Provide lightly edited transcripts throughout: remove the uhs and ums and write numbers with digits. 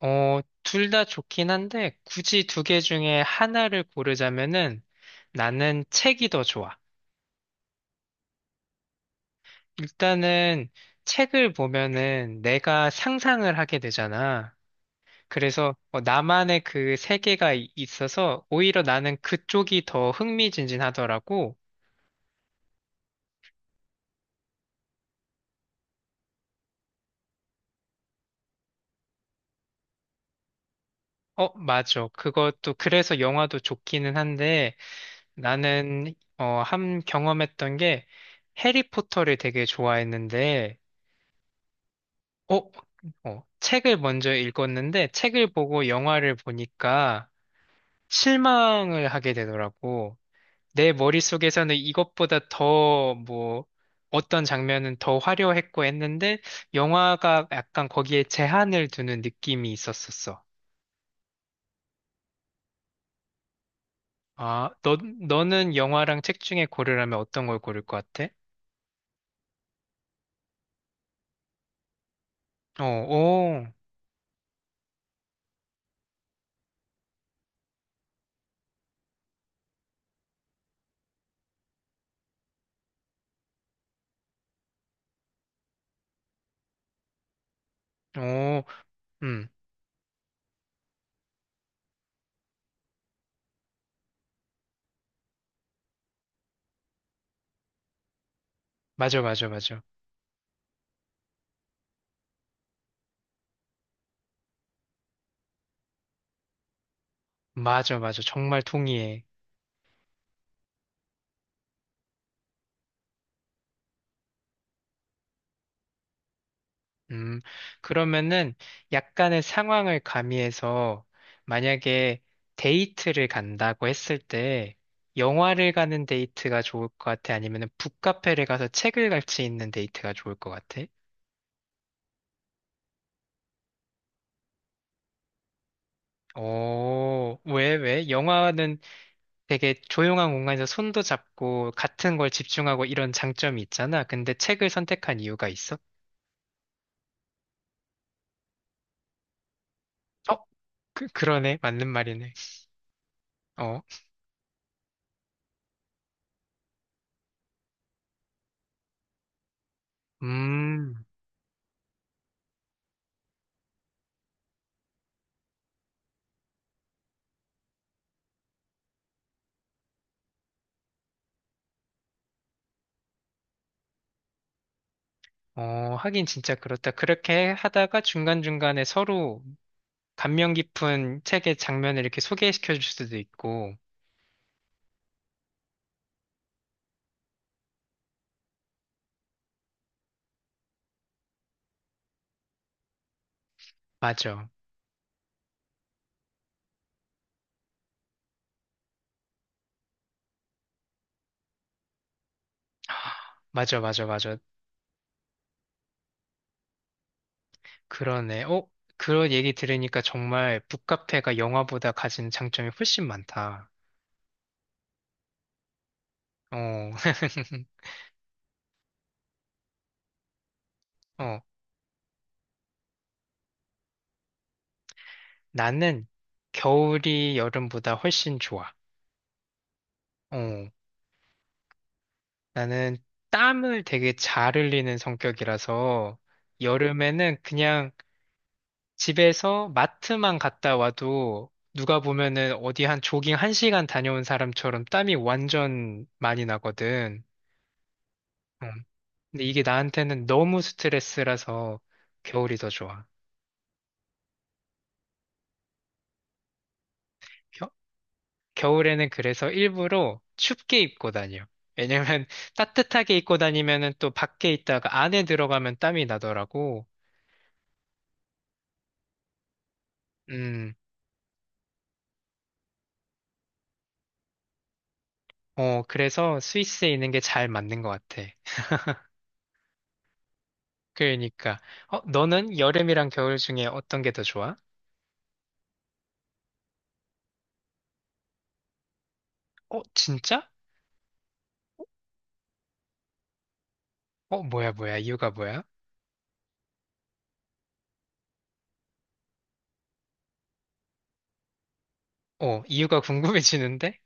어, 둘 다 좋긴 한데, 굳이 두 개 중에 하나를 고르자면은 나는 책이 더 좋아. 일단은 책을 보면은 내가 상상을 하게 되잖아. 그래서 나만의 그 세계가 있어서 오히려 나는 그쪽이 더 흥미진진하더라고. 어, 맞아. 그것도 그래서 영화도 좋기는 한데 나는 한 경험했던 게 해리포터를 되게 좋아했는데 어, 어, 책을 먼저 읽었는데 책을 보고 영화를 보니까 실망을 하게 되더라고. 내 머릿속에서는 이것보다 더 뭐 어떤 장면은 더 화려했고 했는데 영화가 약간 거기에 제한을 두는 느낌이 있었었어. 아, 너는 영화랑 책 중에 고르라면 어떤 걸 고를 것 같아? 어, 오, 오, 음, 맞아, 맞아, 맞아. 맞아, 맞아. 정말 동의해. 음, 그러면은 약간의 상황을 가미해서 만약에 데이트를 간다고 했을 때 영화를 가는 데이트가 좋을 것 같아? 아니면은 북카페를 가서 책을 같이 읽는 데이트가 좋을 것 같아? 어, 왜, 왜? 영화는 되게 조용한 공간에서 손도 잡고 같은 걸 집중하고 이런 장점이 있잖아. 근데 책을 선택한 이유가 있어? 어, 그러네. 맞는 말이네. 어, 음. 어, 하긴 진짜 그렇다. 그렇게 하다가 중간중간에 서로 감명 깊은 책의 장면을 이렇게 소개시켜 줄 수도 있고. 맞아. 맞아, 맞아, 맞아. 그러네. 어? 그런 얘기 들으니까 정말 북카페가 영화보다 가진 장점이 훨씬 많다. 어, 어, 나는 겨울이 여름보다 훨씬 좋아. 어, 나는 땀을 되게 잘 흘리는 성격이라서 여름에는 그냥 집에서 마트만 갔다 와도 누가 보면은 어디 한 조깅 한시간 다녀온 사람처럼 땀이 완전 많이 나거든. 음. 근데 이게 나한테는 너무 스트레스라서 겨울이 더 좋아. 겨, 겨울에는 그래서 일부러 춥게 입고 다녀. 왜냐면 따뜻하게 입고 다니면은 또 밖에 있다가 안에 들어가면 땀이 나더라고. 음, 그래서 스위스에 있는 게 잘 맞는 것 같아. 그러니까. 너는 여름이랑 겨울 중에 어떤 게 더 좋아? 어, 진짜? 어, 뭐야, 뭐야, 이유가 뭐야? 어, 이유가 궁금해지는데?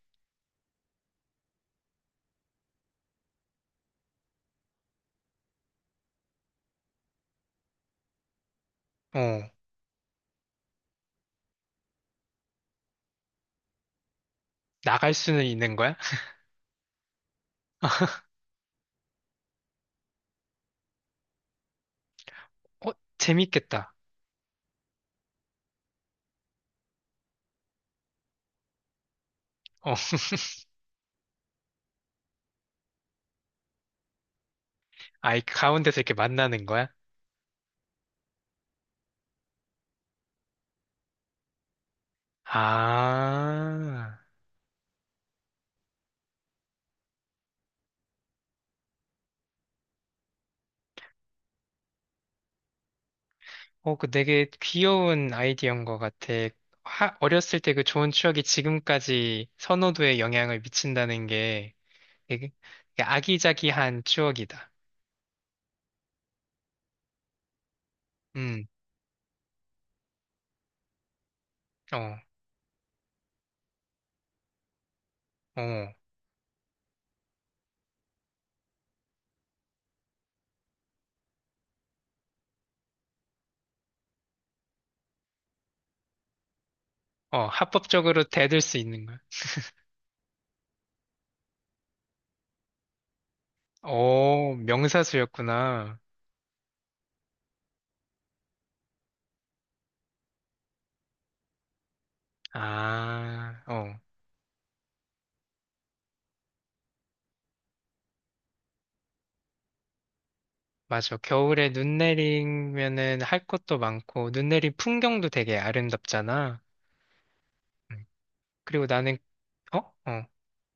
어, 나갈 수는 있는 거야? 어, 재밌겠다. 어, 아이, 가운데서 이렇게 만나는 거야? 아, 어, 그 되게 귀여운 아이디어인 것 같아. 어렸을 때 그 좋은 추억이 지금까지 선호도에 영향을 미친다는 게 되게 되게 아기자기한 추억이다. 음, 어, 어, 어, 합법적으로 대들 수 있는 거야. 어, 명사수였구나. 아, 어, 맞아. 겨울에 눈 내리면은 할 것도 많고, 눈 내린 풍경도 되게 아름답잖아. 음. 그리고 나는, 어? 어.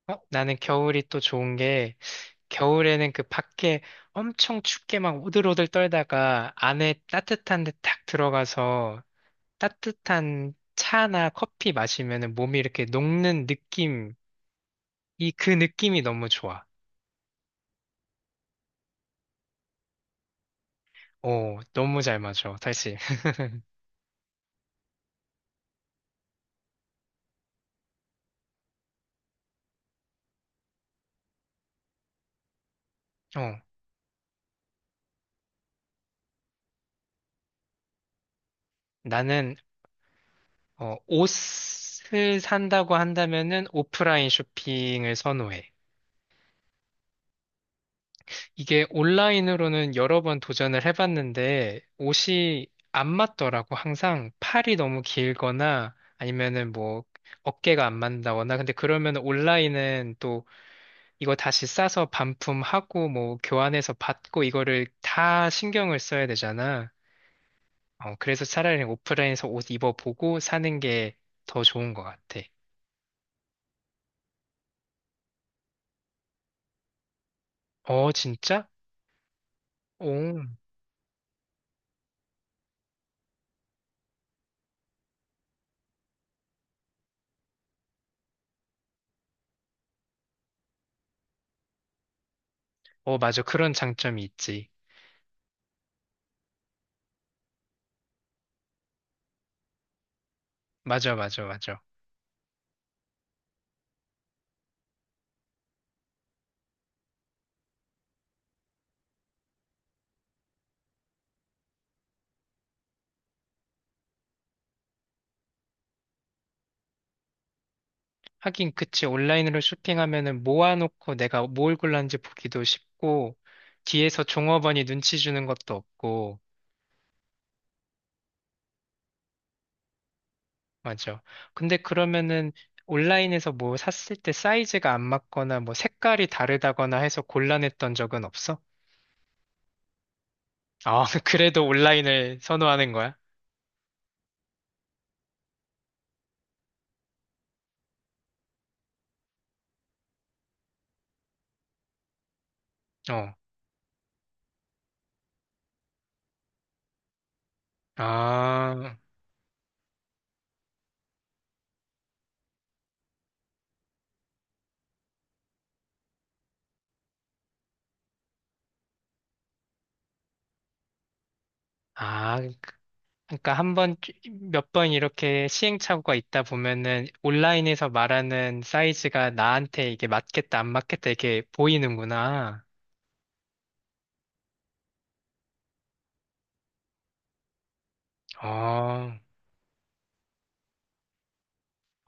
어? 나는 겨울이 또 좋은 게, 겨울에는 그 밖에 엄청 춥게 막 오들오들 떨다가 안에 따뜻한 데 딱 들어가서 따뜻한 차나 커피 마시면은 몸이 이렇게 녹는 느낌, 이 그 느낌이 너무 좋아. 오, 너무 잘 맞아, 다시. 어. 나는 옷을 산다고 한다면은 오프라인 쇼핑을 선호해. 이게 온라인으로는 여러 번 도전을 해봤는데 옷이 안 맞더라고. 항상 팔이 너무 길거나 아니면은 뭐 어깨가 안 맞는다거나. 근데 그러면 온라인은 또 이거 다시 싸서 반품하고 뭐 교환해서 받고 이거를 다 신경을 써야 되잖아. 어, 그래서 차라리 오프라인에서 옷 입어보고 사는 게 더 좋은 것 같아. 어, 진짜? 오. 어, 맞아. 그런 장점이 있지. 맞아, 맞아, 맞아. 하긴, 그치. 온라인으로 쇼핑하면은 모아놓고 내가 뭘 골랐는지 보기도 쉽고, 뒤에서 종업원이 눈치 주는 것도 없고, 맞아. 근데 그러면은 온라인에서 뭐 샀을 때 사이즈가 안 맞거나 뭐 색깔이 다르다거나 해서 곤란했던 적은 없어? 아, 그래도 온라인을 선호하는 거야? 어. 아, 아, 그러니까 한 번, 몇 번 이렇게 시행착오가 있다 보면은 온라인에서 말하는 사이즈가 나한테 이게 맞겠다, 안 맞겠다, 이게 보이는구나. 어,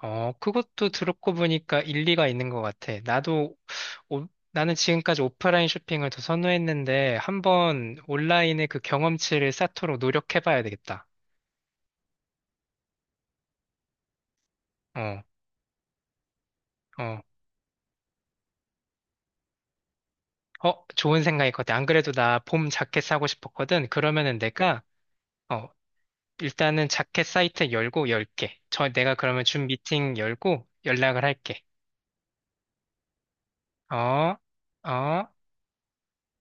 어, 그것도 들었고 보니까 일리가 있는 것 같아. 나도, 오- 나는 지금까지 오프라인 쇼핑을 더 선호했는데 한번 온라인의 그 경험치를 쌓도록 노력해봐야 되겠다. 어, 어. 어, 좋은 생각일 것 같아. 안 그래도 나 봄 자켓 사고 싶었거든. 그러면은 내가 어, 일단은 자켓 사이트 열고 열게. 내가 그러면 준 미팅 열고 연락을 할게. 어? 어?